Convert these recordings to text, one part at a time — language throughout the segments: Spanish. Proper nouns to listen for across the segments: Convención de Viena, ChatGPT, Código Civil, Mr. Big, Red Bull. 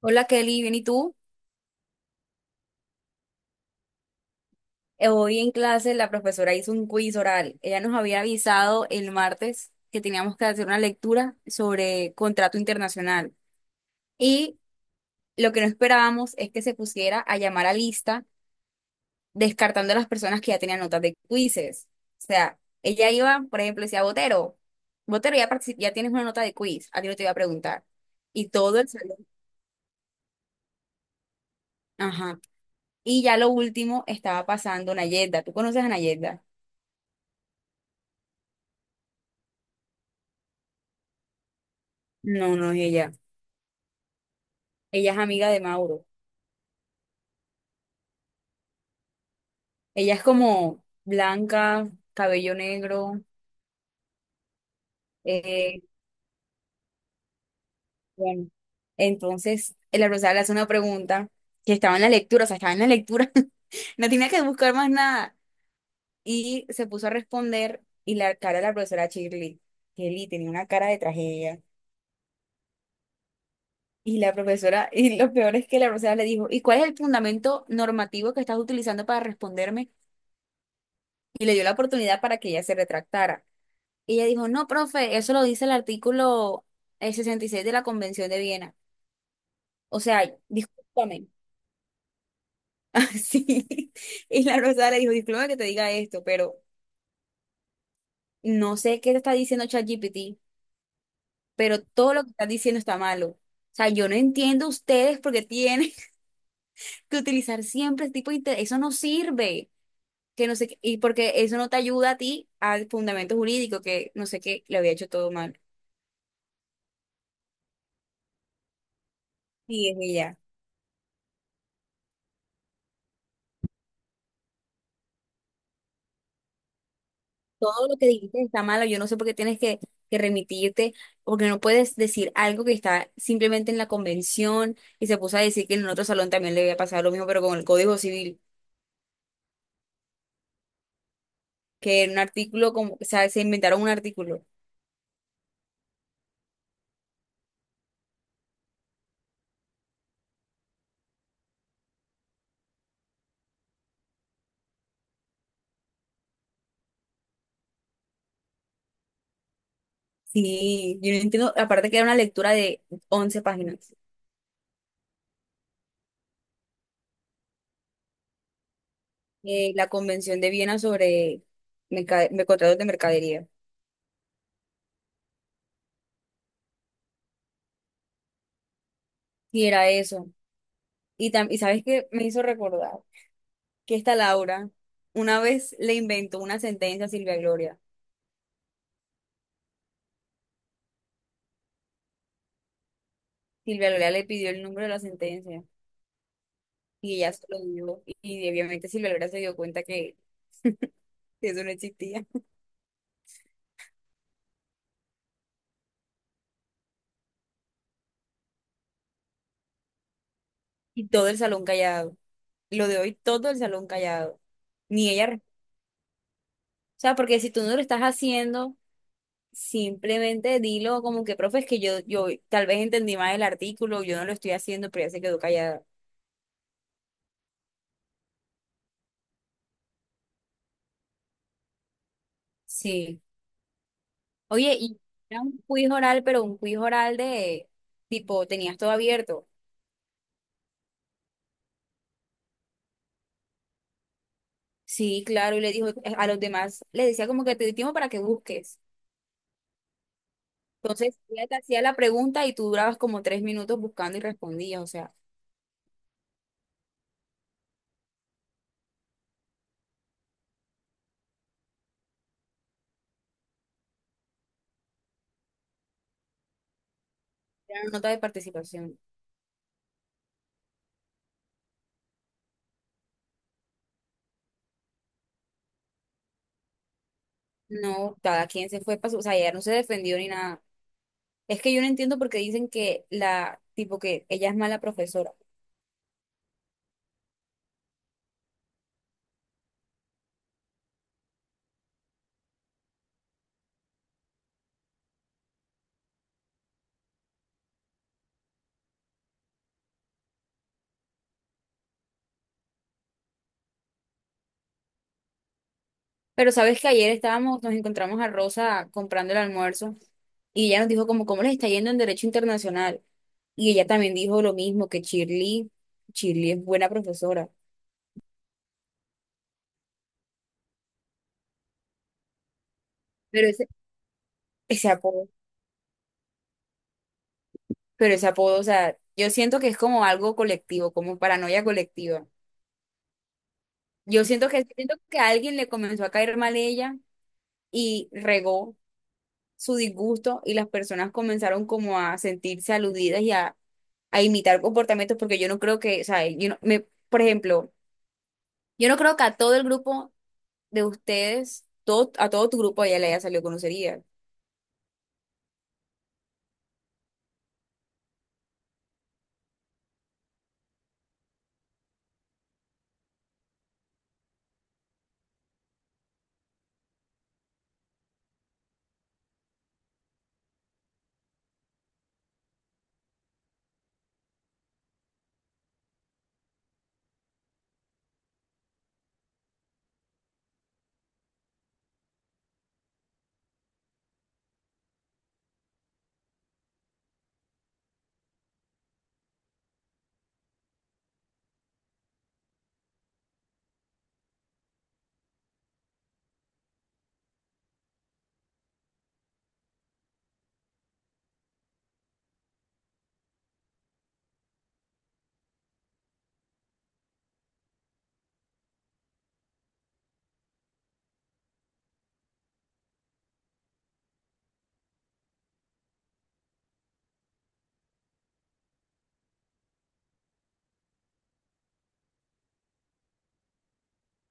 Hola Kelly, bien, ¿y tú? Hoy en clase la profesora hizo un quiz oral. Ella nos había avisado el martes que teníamos que hacer una lectura sobre contrato internacional. Y lo que no esperábamos es que se pusiera a llamar a lista descartando a las personas que ya tenían notas de quizzes. O sea, ella iba, por ejemplo, decía, Botero, Botero, ya, ya tienes una nota de quiz, a ti no te iba a preguntar. Y todo el salón. Ajá. Y ya lo último estaba pasando Nayenda. ¿Tú conoces a Nayenda? No, no es ella. Ella es amiga de Mauro. Ella es como blanca, cabello negro. eh, bueno, entonces la profesora le hace una pregunta que estaba en la lectura, o sea, estaba en la lectura, no tenía que buscar más nada. Y se puso a responder y la cara de la profesora Shirley, Shirley tenía una cara de tragedia. Y la profesora, y lo peor es que la profesora le dijo, ¿y cuál es el fundamento normativo que estás utilizando para responderme? Y le dio la oportunidad para que ella se retractara. Y ella dijo, no, profe, eso lo dice el artículo 66 de la Convención de Viena. O sea, discúlpame. Así. Y la Rosada le dijo, discúlpame que te diga esto, pero no sé qué te está diciendo ChatGPT, pero todo lo que estás diciendo está malo. O sea, yo no entiendo ustedes porque tienen que utilizar siempre este tipo de... inte- eso no sirve. Que no sé qué, y porque eso no te ayuda a ti al fundamento jurídico, que no sé qué, le había hecho todo mal. Y es ella. Todo lo que dijiste está malo, yo no sé por qué tienes que remitirte, porque no puedes decir algo que está simplemente en la convención y se puso a decir que en otro salón también le había pasado lo mismo, pero con el Código Civil, que en un artículo, como, o sea, se inventaron un artículo. Sí, yo no entiendo, aparte que era una lectura de 11 páginas, la Convención de Viena sobre contratos de mercadería, y era eso. Y sabes qué me hizo recordar que esta Laura una vez le inventó una sentencia a Silvia Gloria. Silvia Lora le pidió el número de la sentencia y ella se lo dio. Y obviamente Silvia Lora se dio cuenta que eso no existía. Y todo el salón callado. Lo de hoy, todo el salón callado. Ni ella. Re- O sea, porque si tú no lo estás haciendo, simplemente dilo como que, profe, es que yo tal vez entendí mal el artículo, yo no lo estoy haciendo, pero ella se quedó callada. Sí. Oye, y era un quiz oral, pero un quiz oral de tipo, tenías todo abierto. Sí, claro, y le dijo a los demás, le decía como que te di tiempo para que busques. Entonces, ella te hacía la pregunta y tú durabas como 3 minutos buscando y respondías, o sea, era una nota de participación. No, cada quien se fue para su, o sea, ella no se defendió ni nada. Es que yo no entiendo por qué dicen que la, tipo que ella es mala profesora. Pero sabes que ayer estábamos, nos encontramos a Rosa comprando el almuerzo y ella nos dijo como cómo les está yendo en Derecho Internacional. Y ella también dijo lo mismo, que Shirley, Shirley es buena profesora. Pero ese, ese apodo. Pero ese apodo, o sea, yo siento que es como algo colectivo, como paranoia colectiva. Yo siento que a alguien le comenzó a caer mal ella y regó su disgusto y las personas comenzaron como a sentirse aludidas y a imitar comportamientos porque yo no creo que, o sea, yo no- me, por ejemplo, yo no creo que a todo el grupo de ustedes, todo, a todo tu grupo ella le haya salido grosería.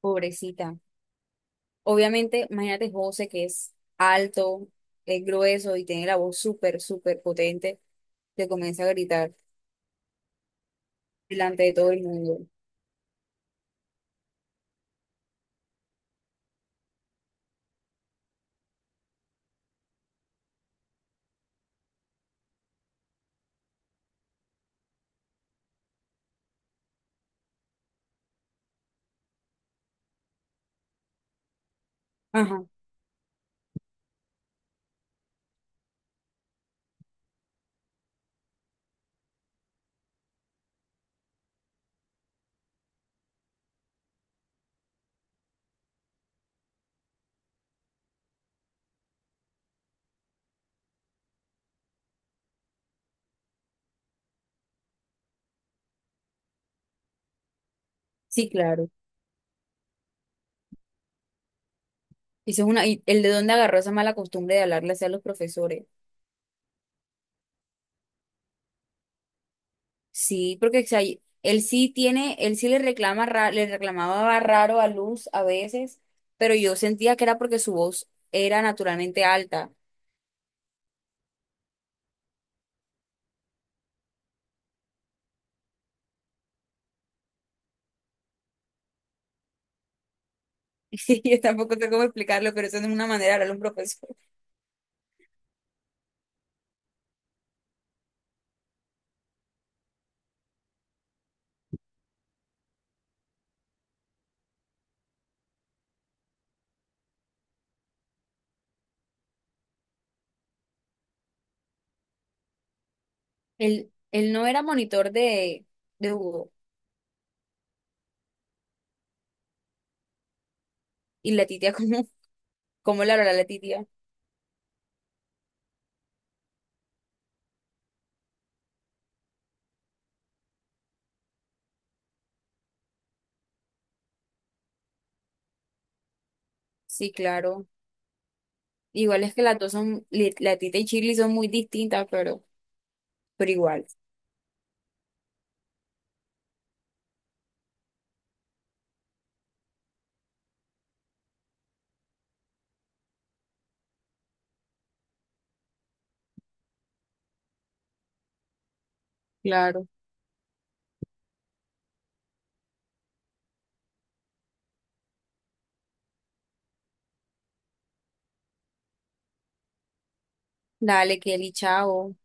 Pobrecita. Obviamente, imagínate José que es alto, es grueso y tiene la voz súper, súper potente, te comienza a gritar delante de todo el mundo. Ajá, sí, claro. Y eso es una, y el de dónde agarró esa mala costumbre de hablarle así a los profesores. Sí, porque o sea, él sí tiene, él sí le reclama, le reclamaba raro a Luz a veces, pero yo sentía que era porque su voz era naturalmente alta. Y yo tampoco sé cómo explicarlo, pero eso no es una manera de hablarle a un profesor. Él no era monitor de Hugo. Y la titia, ¿cómo la hará la titia? Sí, claro. Igual es que las dos son, la titia y Shirley son muy distintas, pero igual. Claro. Dale, Kelly, chao.